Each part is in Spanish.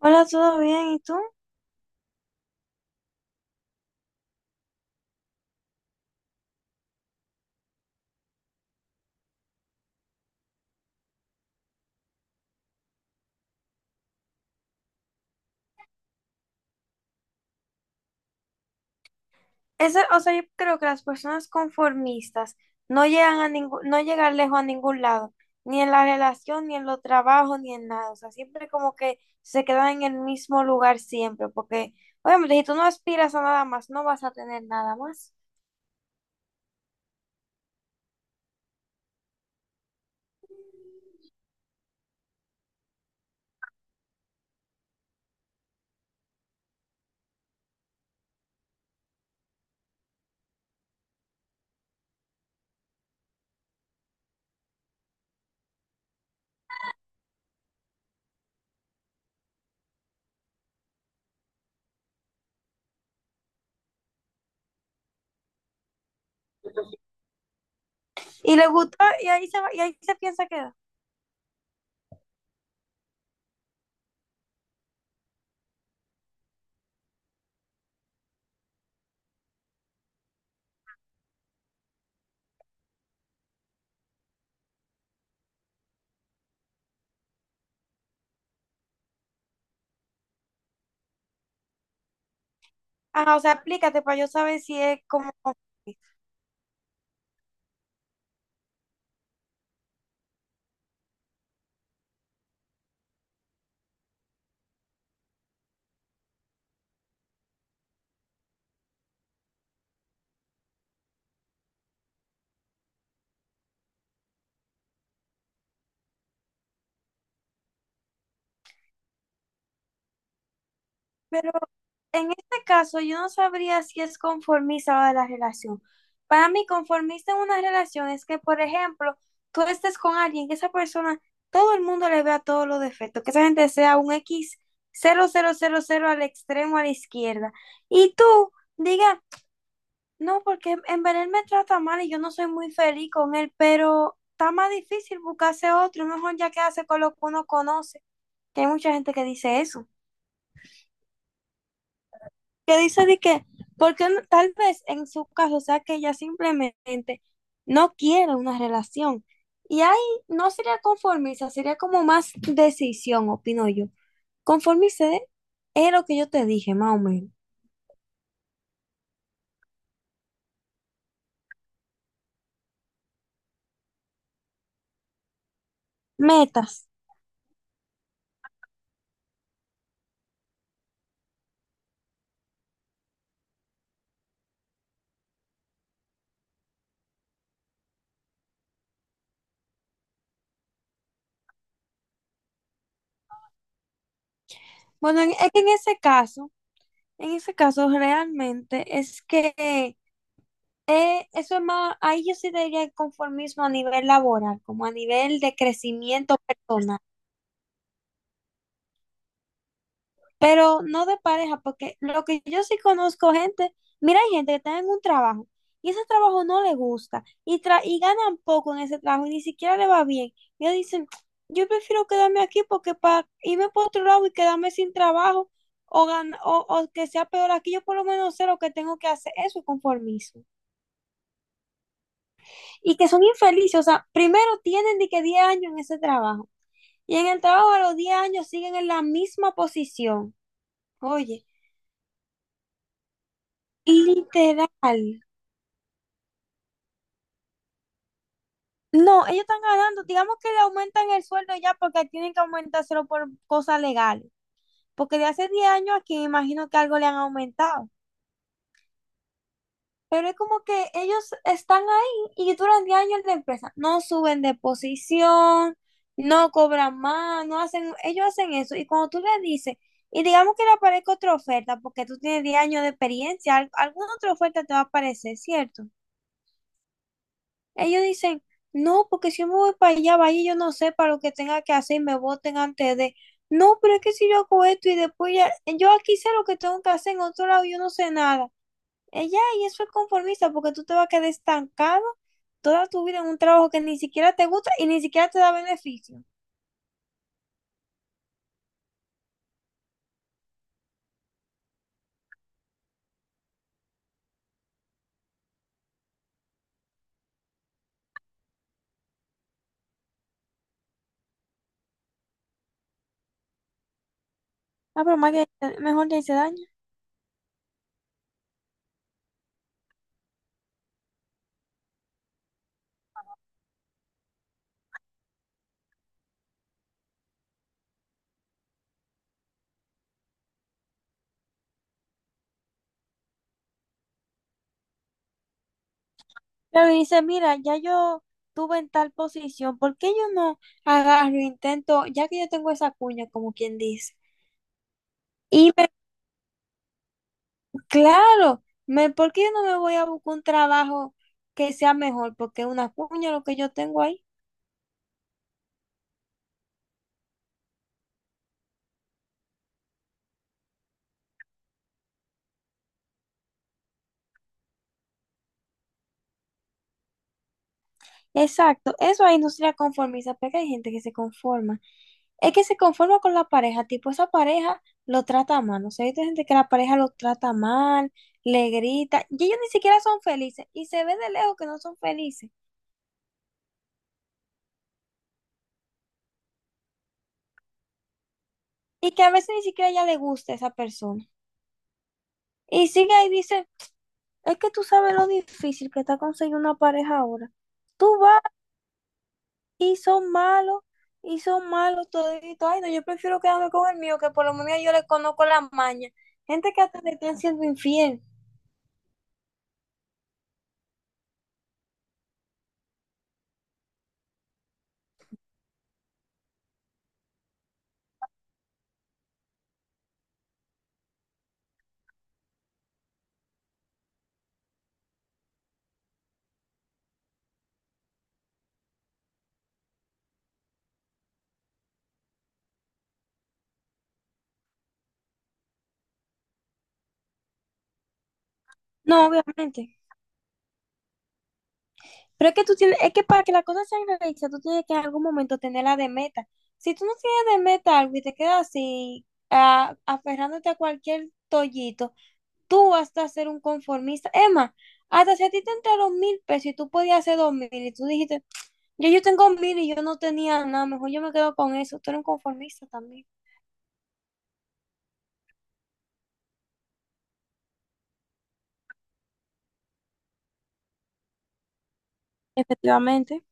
Hola, ¿todo bien? ¿Y tú? Ese, o sea, yo creo que las personas conformistas no llegan lejos a ningún lado, ni en la relación, ni en los trabajos, ni en nada. O sea, siempre como que se quedan en el mismo lugar siempre, porque obviamente si tú no aspiras a nada más, no vas a tener nada más. Y le gusta, y ahí se piensa que, ajá, o sea, aplícate para yo saber si es como, pero en este caso, yo no sabría si es conformista o de la relación. Para mí, conformista en una relación es que, por ejemplo, tú estés con alguien, que esa persona, todo el mundo le vea todos los defectos, que esa gente sea un X cero cero cero cero al extremo a la izquierda. Y tú digas, no, porque en verdad él me trata mal y yo no soy muy feliz con él, pero está más difícil buscarse otro, mejor ya quedarse con lo que uno conoce, que hay mucha gente que dice eso. Que dice de que, porque no- tal vez en su caso sea que ella simplemente no quiere una relación. Y ahí no sería conformista, sería como más decisión, opino yo. Conformista es lo que yo te dije, más o menos. Metas. Bueno, es que en ese caso realmente es que eso es más, ahí yo sí diría el conformismo a nivel laboral, como a nivel de crecimiento personal, pero no de pareja, porque lo que yo sí conozco gente, mira, hay gente que está en un trabajo y ese trabajo no le gusta y ganan poco en ese trabajo y ni siquiera le va bien. Y ellos dicen, yo prefiero quedarme aquí porque para irme por otro lado y quedarme sin trabajo o que sea peor aquí, yo por lo menos sé lo que tengo que hacer, eso es conformismo. Y que son infelices, o sea, primero tienen de que 10 años en ese trabajo y en el trabajo a los 10 años siguen en la misma posición. Oye, literal. No, ellos están ganando. Digamos que le aumentan el sueldo ya porque tienen que aumentárselo por cosas legales. Porque de hace 10 años aquí me imagino que algo le han aumentado. Pero es como que ellos están ahí y duran 10 años en la empresa. No suben de posición, no cobran más, no hacen, ellos hacen eso. Y cuando tú le dices, y digamos que le aparezca otra oferta porque tú tienes 10 años de experiencia, alguna otra oferta te va a aparecer, ¿cierto? Ellos dicen, no, porque si yo me voy para allá, vaya, yo no sé para lo que tenga que hacer y me voten antes de. No, pero es que si yo hago esto y después ya, yo aquí sé lo que tengo que hacer, en otro lado yo no sé nada. Ella, y eso es conformista, porque tú te vas a quedar estancado toda tu vida en un trabajo que ni siquiera te gusta y ni siquiera te da beneficio. Ah, pero más que mejor le hice daño. Claro, y dice, mira, ya yo tuve en tal posición, ¿por qué yo no agarro, intento, ya que yo tengo esa cuña, como quien dice? Y me Claro, ¿por qué yo no me voy a buscar un trabajo que sea mejor? Porque una cuña lo que yo tengo ahí. Exacto, eso ahí hay industria conformista, porque hay gente que se conforma. Es que se conforma con la pareja, tipo esa pareja lo trata mal, ¿no? O sea, hay gente que la pareja lo trata mal, le grita, y ellos ni siquiera son felices, y se ve de lejos que no son felices, y que a veces ni siquiera ya le gusta esa persona. Y sigue ahí y dice, es que tú sabes lo difícil que está conseguir una pareja ahora. Tú vas y son malos, y son malos toditos. Ay, no, yo prefiero quedarme con el mío, que por lo menos yo le conozco la maña. Gente que hasta te están siendo infiel. No, obviamente. Pero es que tú tienes, es que para que las cosas sean realistas, tú tienes que en algún momento tenerla de meta. Si tú no tienes de meta algo y te quedas así, aferrándote a cualquier tollito, tú vas a ser un conformista. Emma, hasta si a ti te entraron 1000 pesos y tú podías hacer 2000 y tú dijiste, yo tengo 1000 y yo no tenía nada, mejor yo me quedo con eso. Tú eres un conformista también. Efectivamente.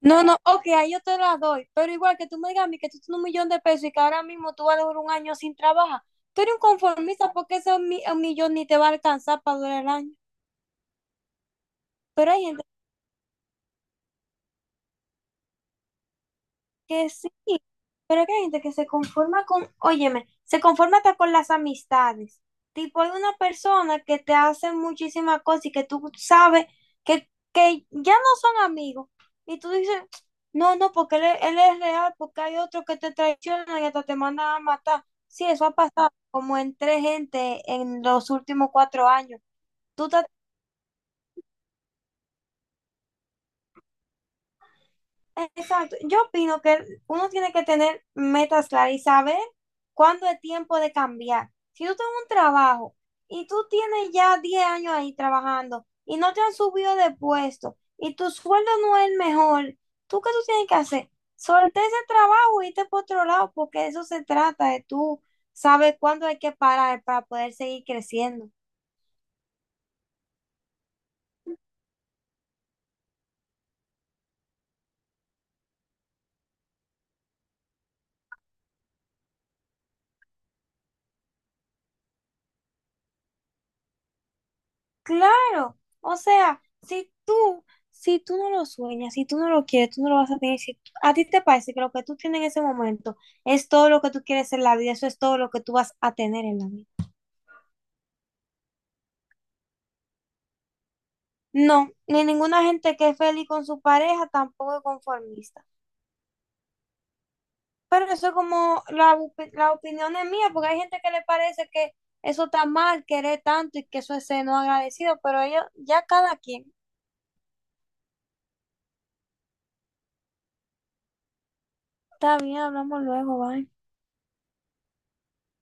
No, no, ok, ahí yo te las doy, pero igual que tú me digas a mí que tú tienes 1 millón de pesos y que ahora mismo tú vas a durar un año sin trabajar, tú eres un conformista porque 1 millón ni te va a alcanzar para durar el año. Pero hay gente que sí, pero que hay gente que se conforma con, óyeme, se conforma hasta con las amistades. Tipo, hay una persona que te hace muchísimas cosas y que tú sabes que ya no son amigos. Y tú dices, no, no, porque él, él es real, porque hay otro que te traiciona y hasta te mandan a matar. Sí, eso ha pasado como en 3 gente en los últimos 4 años. Tú estás exacto. Yo opino que uno tiene que tener metas claras y saber cuándo es tiempo de cambiar. Si tú tienes un trabajo y tú tienes ya 10 años ahí trabajando y no te han subido de puesto y tu sueldo no es el mejor, ¿tú qué tú tienes que hacer? Solté ese trabajo y irte por otro lado porque de eso se trata, de tú sabes cuándo hay que parar para poder seguir creciendo. Claro, o sea, si tú no lo sueñas, si tú no lo quieres, tú no lo vas a tener. Si tú- A ti te parece que lo que tú tienes en ese momento es todo lo que tú quieres en la vida, eso es todo lo que tú vas a tener en la vida. No, ni ninguna gente que es feliz con su pareja tampoco es conformista. Pero eso es como la opinión es mía, porque hay gente que le parece que eso está mal, querer tanto y que eso es ser no agradecido, pero ellos, ya cada quien. Está bien, hablamos luego, bye.